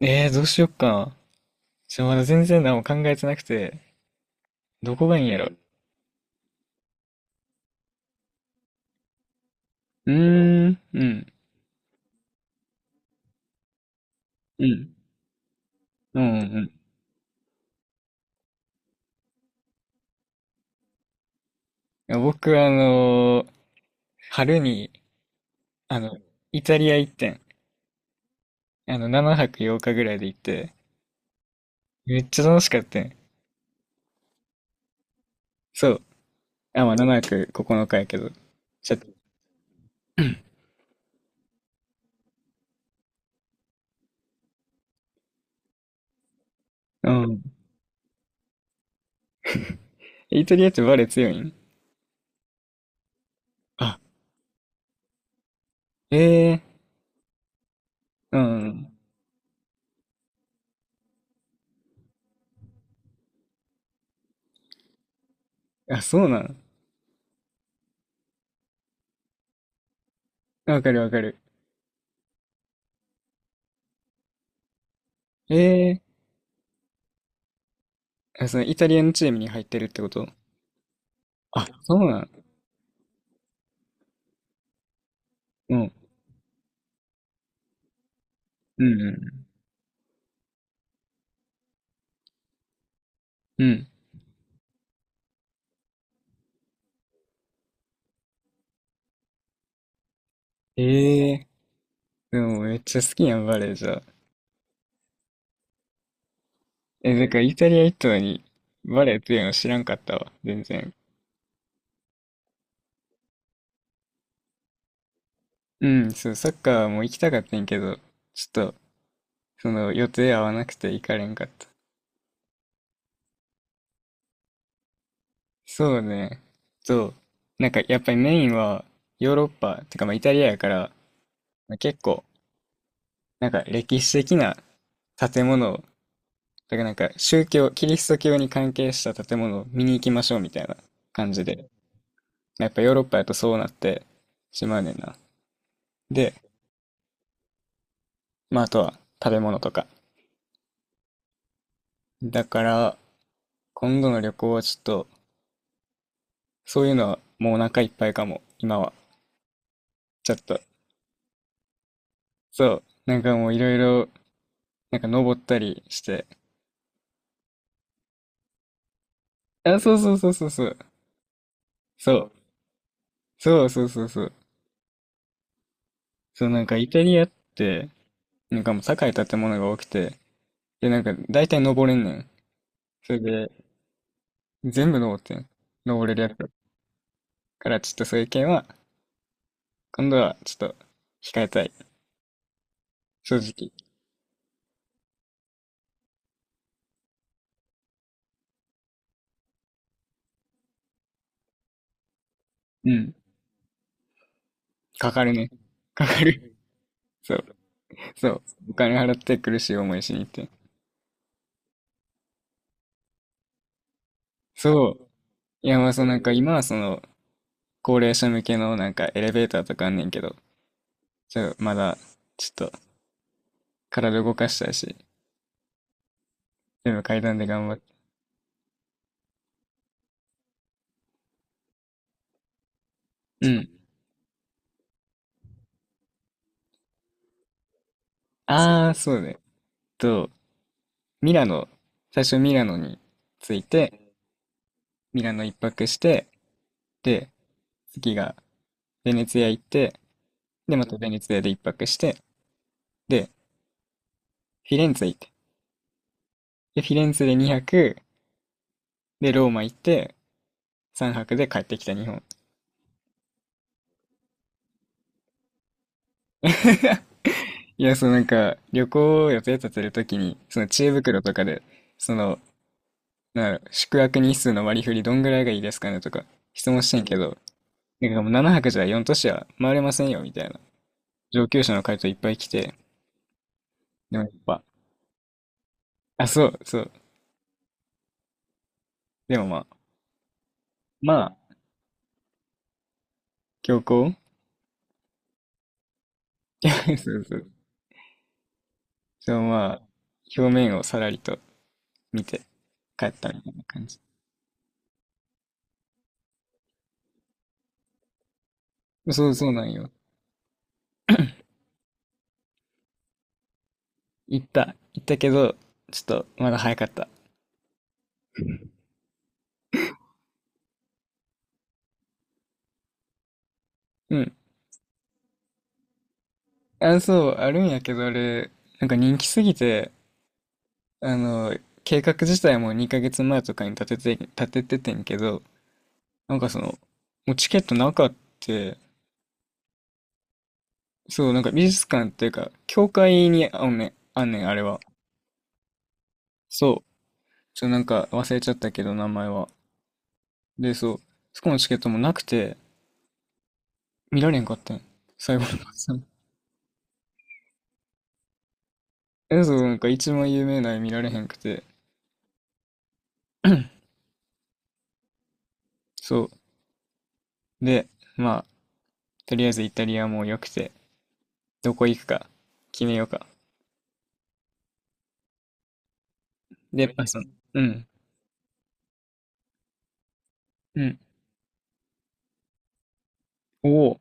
どうしよっか。まだ全然何も考えてなくて、どこがいいんやろ。うーん、うん、うん、うん、うん。いや僕は、春に、あの、イタリア行ってん。7泊8日ぐらいで行って、めっちゃ楽しかったん。そう。あ、まあ、7泊9日やけど。ちょっと、うん。イタリアってバレエ強いん？あ、ええうん。あ、そうなん。わかるわかる。ええ。あ、そのイタリアのチームに入ってるってこと？あ、そうなん。うん。うんうん。うん。ええ。でもめっちゃ好きやん、バレエじゃあ。え、だからイタリア行ったのに、バレエっていうの知らんかったわ、全然。うん、そう、サッカーも行きたかったんやけど、ちょっと、その、予定合わなくて行かれんかった。そうね。そう。なんか、やっぱりメインは、ヨーロッパ、てかまあイタリアやから、まあ、結構、なんか歴史的な建物を、だからなんか宗教、キリスト教に関係した建物を見に行きましょうみたいな感じで、やっぱヨーロッパやとそうなってしまうねんな。で、まああとは食べ物とか。だから、今度の旅行はちょっと、そういうのはもうお腹いっぱいかも、今は。ちょっと。そう。なんかもういろいろ、なんか登ったりして。あ、そうそうそうそうそう。そう。そうそうそうそう。そう、なんかイタリアって、なんかもう高い建物が多くて、で、なんか大体登れんねん。それで、全部登ってん。登れるやつ。から、ちょっとそういう件は、今度はちょっと控えたい。正直。うん。かかるね。かかる。そう。そう。お金払って苦しい思いしに行って。そう。いや、まあ、そう、なんか今はその、高齢者向けのなんかエレベーターとかあんねんけど、まだ、ちょっと、体動かしたいし、全部階段で頑張って。うん。ああ、そうね。と、ミラノ、最初ミラノに着いて、ミラノ一泊して、で、次がベネツィア行って、で、またベネツィアで一泊して、で、フィレンツェ行って、で、フィレンツェで2泊、で、ローマ行って、3泊で帰ってきた日本。いや、そのなんか、旅行を予定立てるときに、その知恵袋とかで、その、なんだろう宿泊日数の割り振りどんぐらいがいいですかねとか、質問してんけど、なんかもう7泊じゃ4都市は回れませんよ、みたいな。上級者の回答いっぱい来て、でもやっぱ、あ、そうそう。でもまあ、まあ、強行 そうそう。そう、まあ、表面をさらりと見て帰ったみたいな感じ。そうそうなんよ。行った。行ったけど、ちょっとまだ早かった。うん。あ、そう、あるんやけど、あれ、なんか人気すぎて、あの、計画自体も2ヶ月前とかに立てててんけど、なんかその、もうチケットなかって、そう、なんか美術館っていうか、教会にあんねん、あれは。そう。なんか忘れちゃったけど、名前は。で、そう、そこのチケットもなくて、見られんかったん。最後の晩餐。え、そう、なんか一番有名な絵見られへんくて、そう。で、まあ、とりあえずイタリアも良くて、どこ行くか決めようか。で、やっぱその、うん、うん。おお、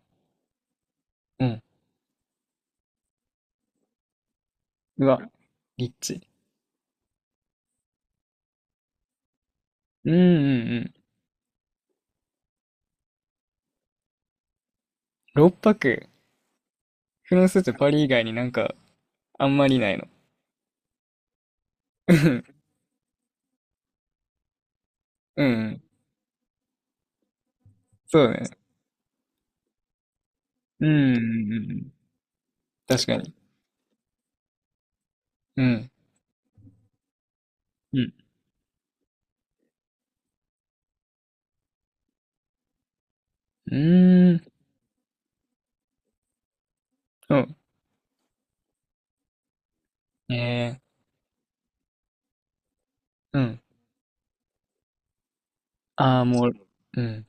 うん。うわ、リッチ。うんうんうん。6泊。フランスってパリ以外になんか、あんまりないの？うんうん。そうだね。うんうんうんうん。確かに。うん。うん。うーん。うん。えー。うん。ああ、もう、うん。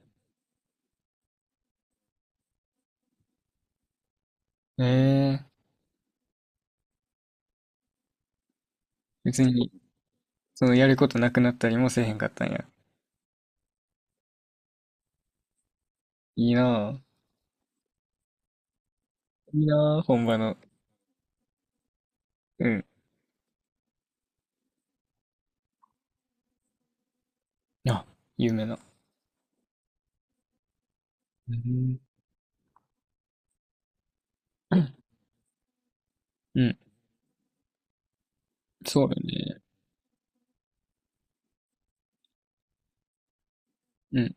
えー。別に、その、やることなくなったりもせえへんかったんや。いいなぁ。いいなぁ、本場の。うん。あ、有名な。うんうん。そうよね。うん。で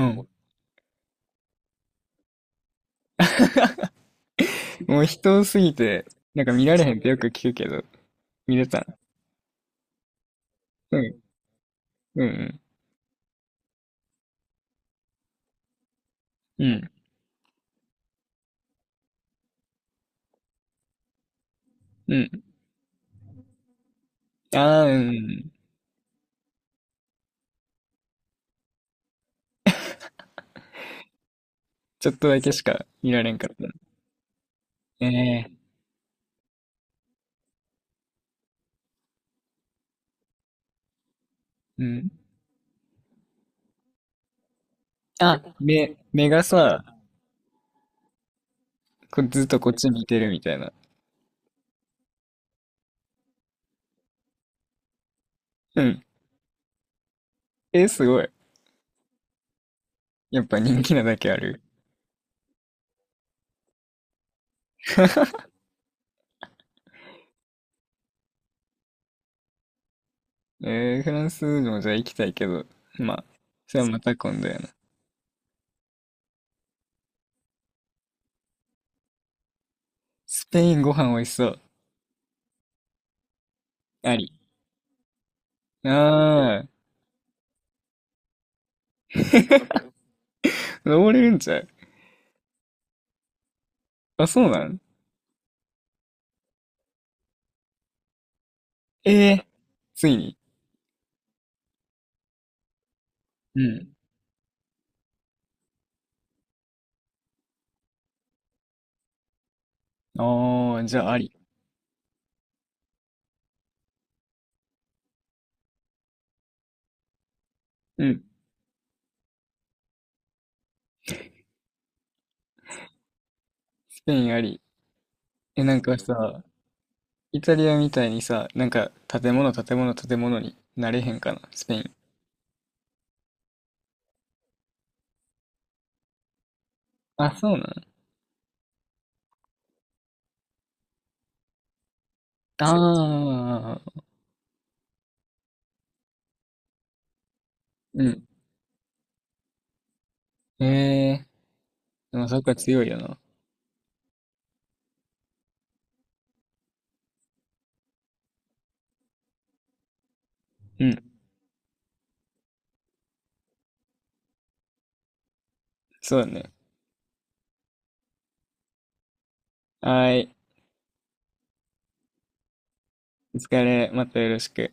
も、もう人多すぎて、なんか見られへんってよく聞くけど、見れたん？うん。うん。うん。うん。ああ、うん。ちょっとだけしか見られんかったな。ええうん。あ、目がさ、こうずっとこっち見てるみたいな。うん。えー、すごい。やっぱ人気なだけある。えー、フランスもじゃあ行きたいけど、まあ、それはまた今度やな。スペインご飯美味しそう。あり。ああ、登れるんちゃう？あ、そうなん？ええついに。うん。ああ、じゃああり。うん。スペインあり。え、なんかさ、イタリアみたいにさ、なんか建物建物建物になれへんかな、スペイン。あ、そうなの？ああー、うん。ええでもそっか強いよな。うん、そうだね。はーい。お疲れ。またよろしく。